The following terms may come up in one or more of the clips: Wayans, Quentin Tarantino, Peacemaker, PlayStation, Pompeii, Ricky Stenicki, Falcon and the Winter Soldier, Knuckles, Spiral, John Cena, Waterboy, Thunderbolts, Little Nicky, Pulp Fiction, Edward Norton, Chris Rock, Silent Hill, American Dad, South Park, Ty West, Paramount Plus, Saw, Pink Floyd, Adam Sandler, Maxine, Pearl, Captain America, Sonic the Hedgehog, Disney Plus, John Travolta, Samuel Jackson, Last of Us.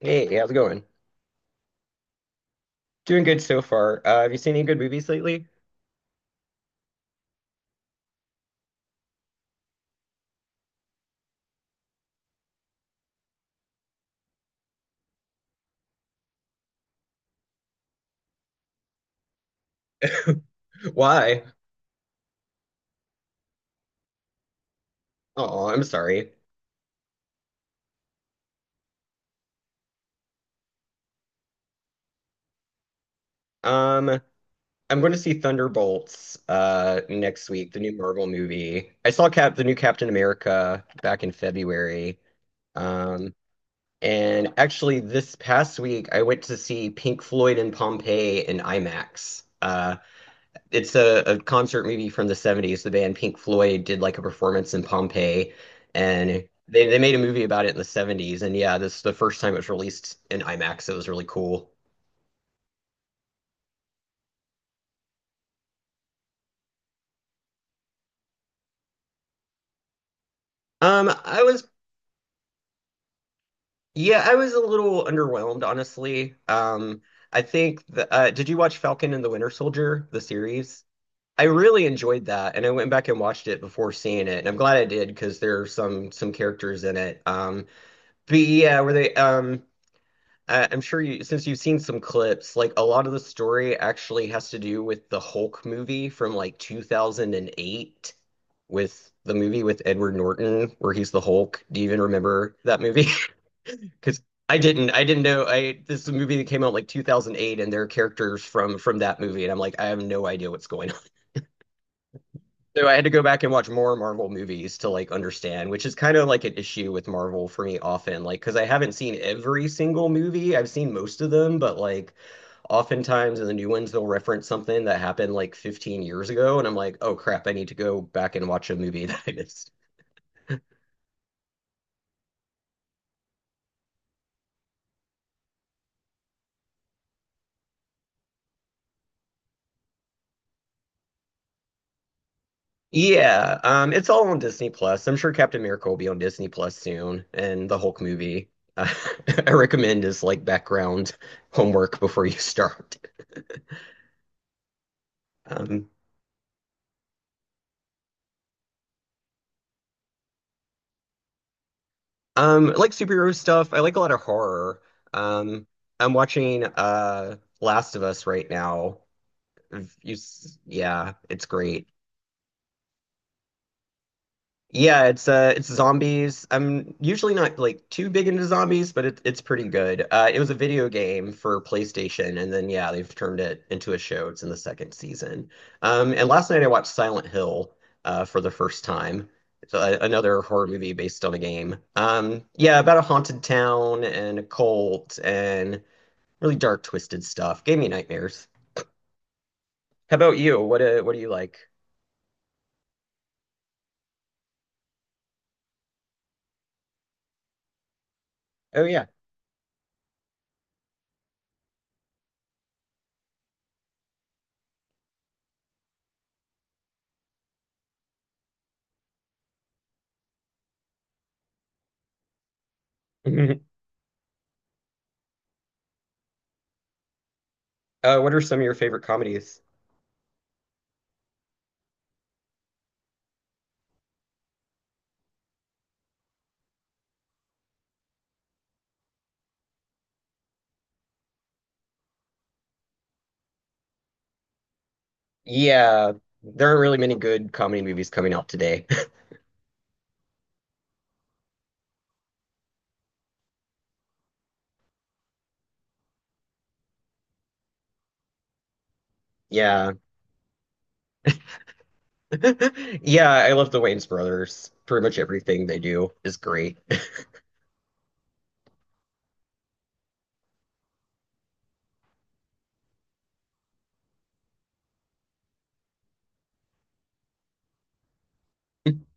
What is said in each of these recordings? Hey, hey, how's it going? Doing good so far. Have you seen any good movies lately? Why? Oh, I'm sorry. Um, I'm going to see Thunderbolts next week, the new Marvel movie. I saw Cap the new Captain America back in February. Um, and actually this past week I went to see Pink Floyd and Pompeii in IMAX. It's a concert movie from the 70s. The band Pink Floyd did like a performance in Pompeii and they made a movie about it in the 70s. And yeah, this is the first time it was released in IMAX. It was really cool. Um, I was, yeah, I was a little underwhelmed, honestly. I think did you watch Falcon and the Winter Soldier, the series? I really enjoyed that, and I went back and watched it before seeing it, and I'm glad I did because there are some characters in it. But yeah, where they I'm sure you, since you've seen some clips, like a lot of the story actually has to do with the Hulk movie from like 2008, with the movie with Edward Norton where he's the Hulk. Do you even remember that movie? Because I didn't know. I this is a movie that came out like 2008 and there are characters from that movie and I'm like, I have no idea what's going, so I had to go back and watch more Marvel movies to like understand, which is kind of like an issue with Marvel for me often, like because I haven't seen every single movie. I've seen most of them, but like oftentimes in the new ones they'll reference something that happened like 15 years ago, and I'm like, oh crap, I need to go back and watch a movie that I missed. Yeah, it's all on Disney Plus. I'm sure Captain Miracle will be on Disney Plus soon, and the Hulk movie. I recommend as like background homework before you start. Um, I like superhero stuff. I like a lot of horror. Um, I'm watching Last of Us right now. If You, s- Yeah, it's great. Yeah, it's zombies. I'm usually not like too big into zombies, but it's pretty good. It was a video game for PlayStation and then yeah, they've turned it into a show. It's in the second season. And last night I watched Silent Hill for the first time. It's another horror movie based on a game. Yeah, about a haunted town and a cult and really dark twisted stuff. Gave me nightmares. How about you? What do you like? Oh yeah. What are some of your favorite comedies? Yeah, there are really many good comedy movies coming out today. Yeah. Yeah, I love the Wayans brothers. Pretty much everything they do is great.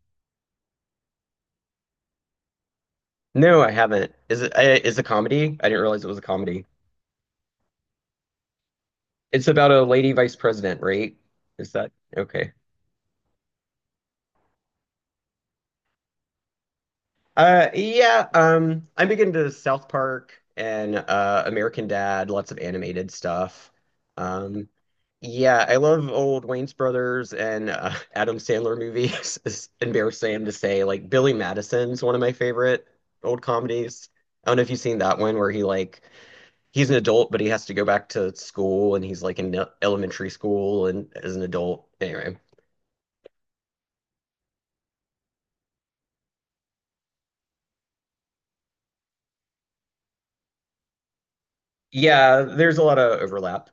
No, I haven't. Is it is a comedy? I didn't realize it was a comedy. It's about a lady vice president, right? Is that okay? Yeah, I'm big into South Park and American Dad, lots of animated stuff. Um, yeah, I love old Wayne's Brothers and Adam Sandler movies. It's embarrassing to say, like Billy Madison's one of my favorite old comedies. I don't know if you've seen that one where he's an adult but he has to go back to school and he's like in elementary school and as an adult. Anyway, yeah, there's a lot of overlap.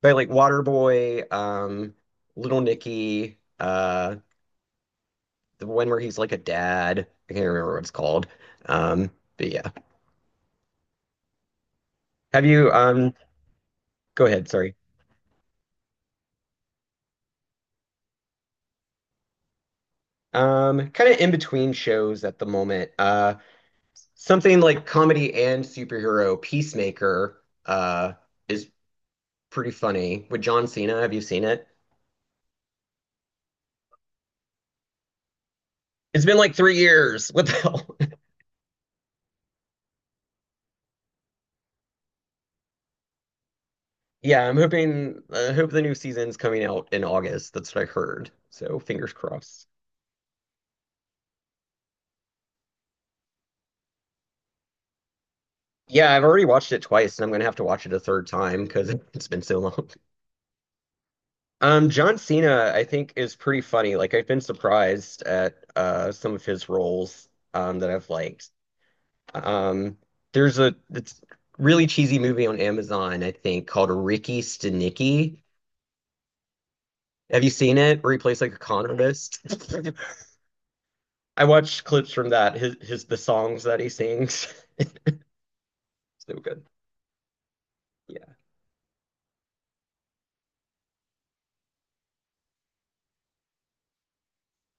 But like Waterboy, Little Nicky, the one where he's like a dad. I can't remember what it's called. Um, but yeah. Have you Go ahead, sorry. Kind of in between shows at the moment. Something like comedy and superhero Peacemaker is pretty funny. With John Cena, have you seen it? It's been like 3 years. What the hell? Yeah, I'm hoping I hope the new season's coming out in August. That's what I heard. So fingers crossed. Yeah, I've already watched it twice, and I'm gonna have to watch it a third time because it's been so long. John Cena, I think, is pretty funny. Like, I've been surprised at some of his roles that I've liked. Um, there's a It's really cheesy movie on Amazon, I think, called Ricky Stenicki. Have you seen it? Where he plays like a con artist. I watched clips from that. His The songs that he sings. So good. Yeah.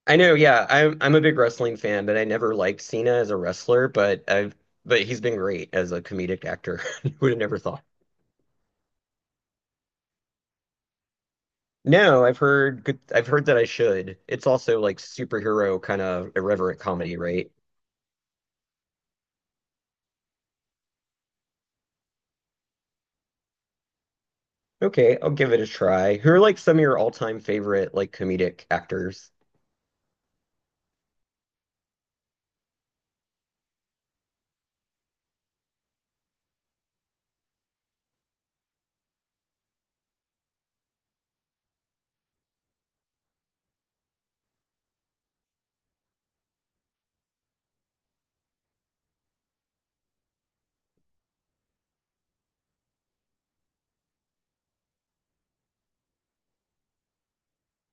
I know, yeah. I'm a big wrestling fan, but I never liked Cena as a wrestler, but he's been great as a comedic actor. Would have never thought. No, I've heard that I should. It's also like superhero kind of irreverent comedy, right? Okay, I'll give it a try. Who are like some of your all-time favorite like comedic actors?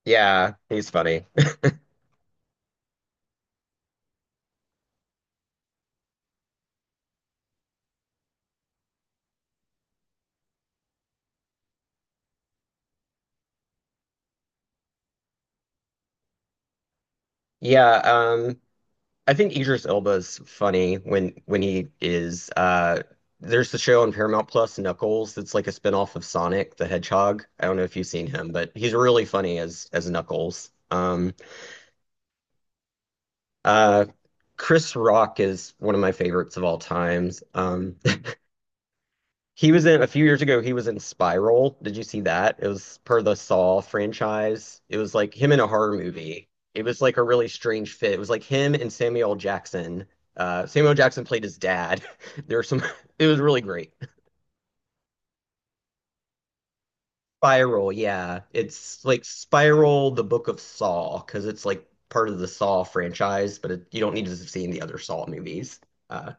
Yeah, he's funny. Yeah, I think Idris Elba's funny when he is there's the show on Paramount Plus, Knuckles, that's like a spinoff of Sonic the Hedgehog. I don't know if you've seen him, but he's really funny as Knuckles. Uh Chris Rock is one of my favorites of all times. He was in a few years ago, he was in Spiral. Did you see that? It was per the Saw franchise. It was like him in a horror movie. It was like a really strange fit. It was like him and Samuel Jackson. Samuel Jackson played his dad. There were some, it was really great. Spiral, yeah. It's like Spiral, the Book of Saw, because it's like part of the Saw franchise, but you don't need to have seen the other Saw movies. Uh,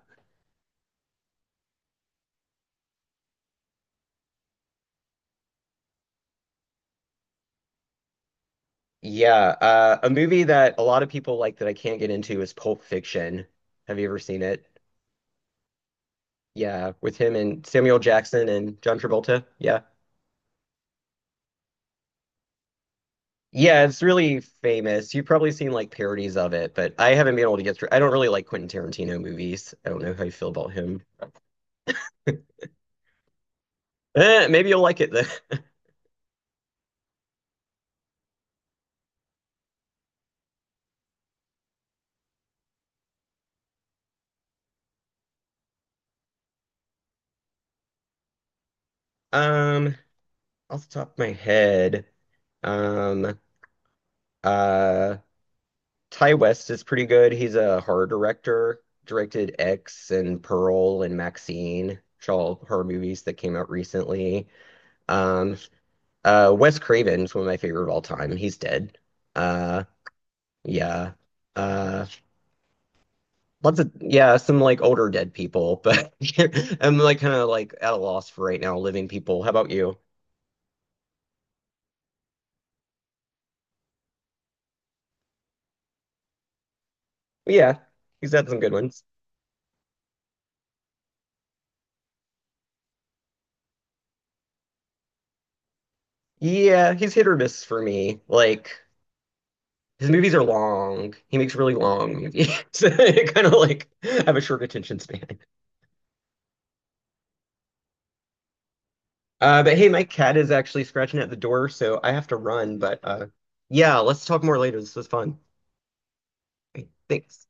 yeah, a movie that a lot of people like that I can't get into is Pulp Fiction. Have you ever seen it? Yeah, with him and Samuel Jackson and John Travolta. Yeah. Yeah, it's really famous. You've probably seen like parodies of it, but I haven't been able to get through. I don't really like Quentin Tarantino movies. I don't know how you feel about him. Eh, maybe you'll like it then. Um, Off the top of my head, um, uh, Ty West is pretty good. He's a horror director. Directed X and Pearl and Maxine, which are all horror movies that came out recently. Um, Wes Craven's one of my favorite of all time. He's dead. Uh, yeah. Uh, Lots of yeah, some like older dead people, but I'm like kind of like at a loss for right now, living people. How about you? Yeah, he's had some good ones. Yeah, he's hit or miss for me. Like his movies are long. He makes really long movies. So I kind of like have a short attention span. But hey, my cat is actually scratching at the door, so I have to run. But yeah, let's talk more later. This was fun. Okay, thanks.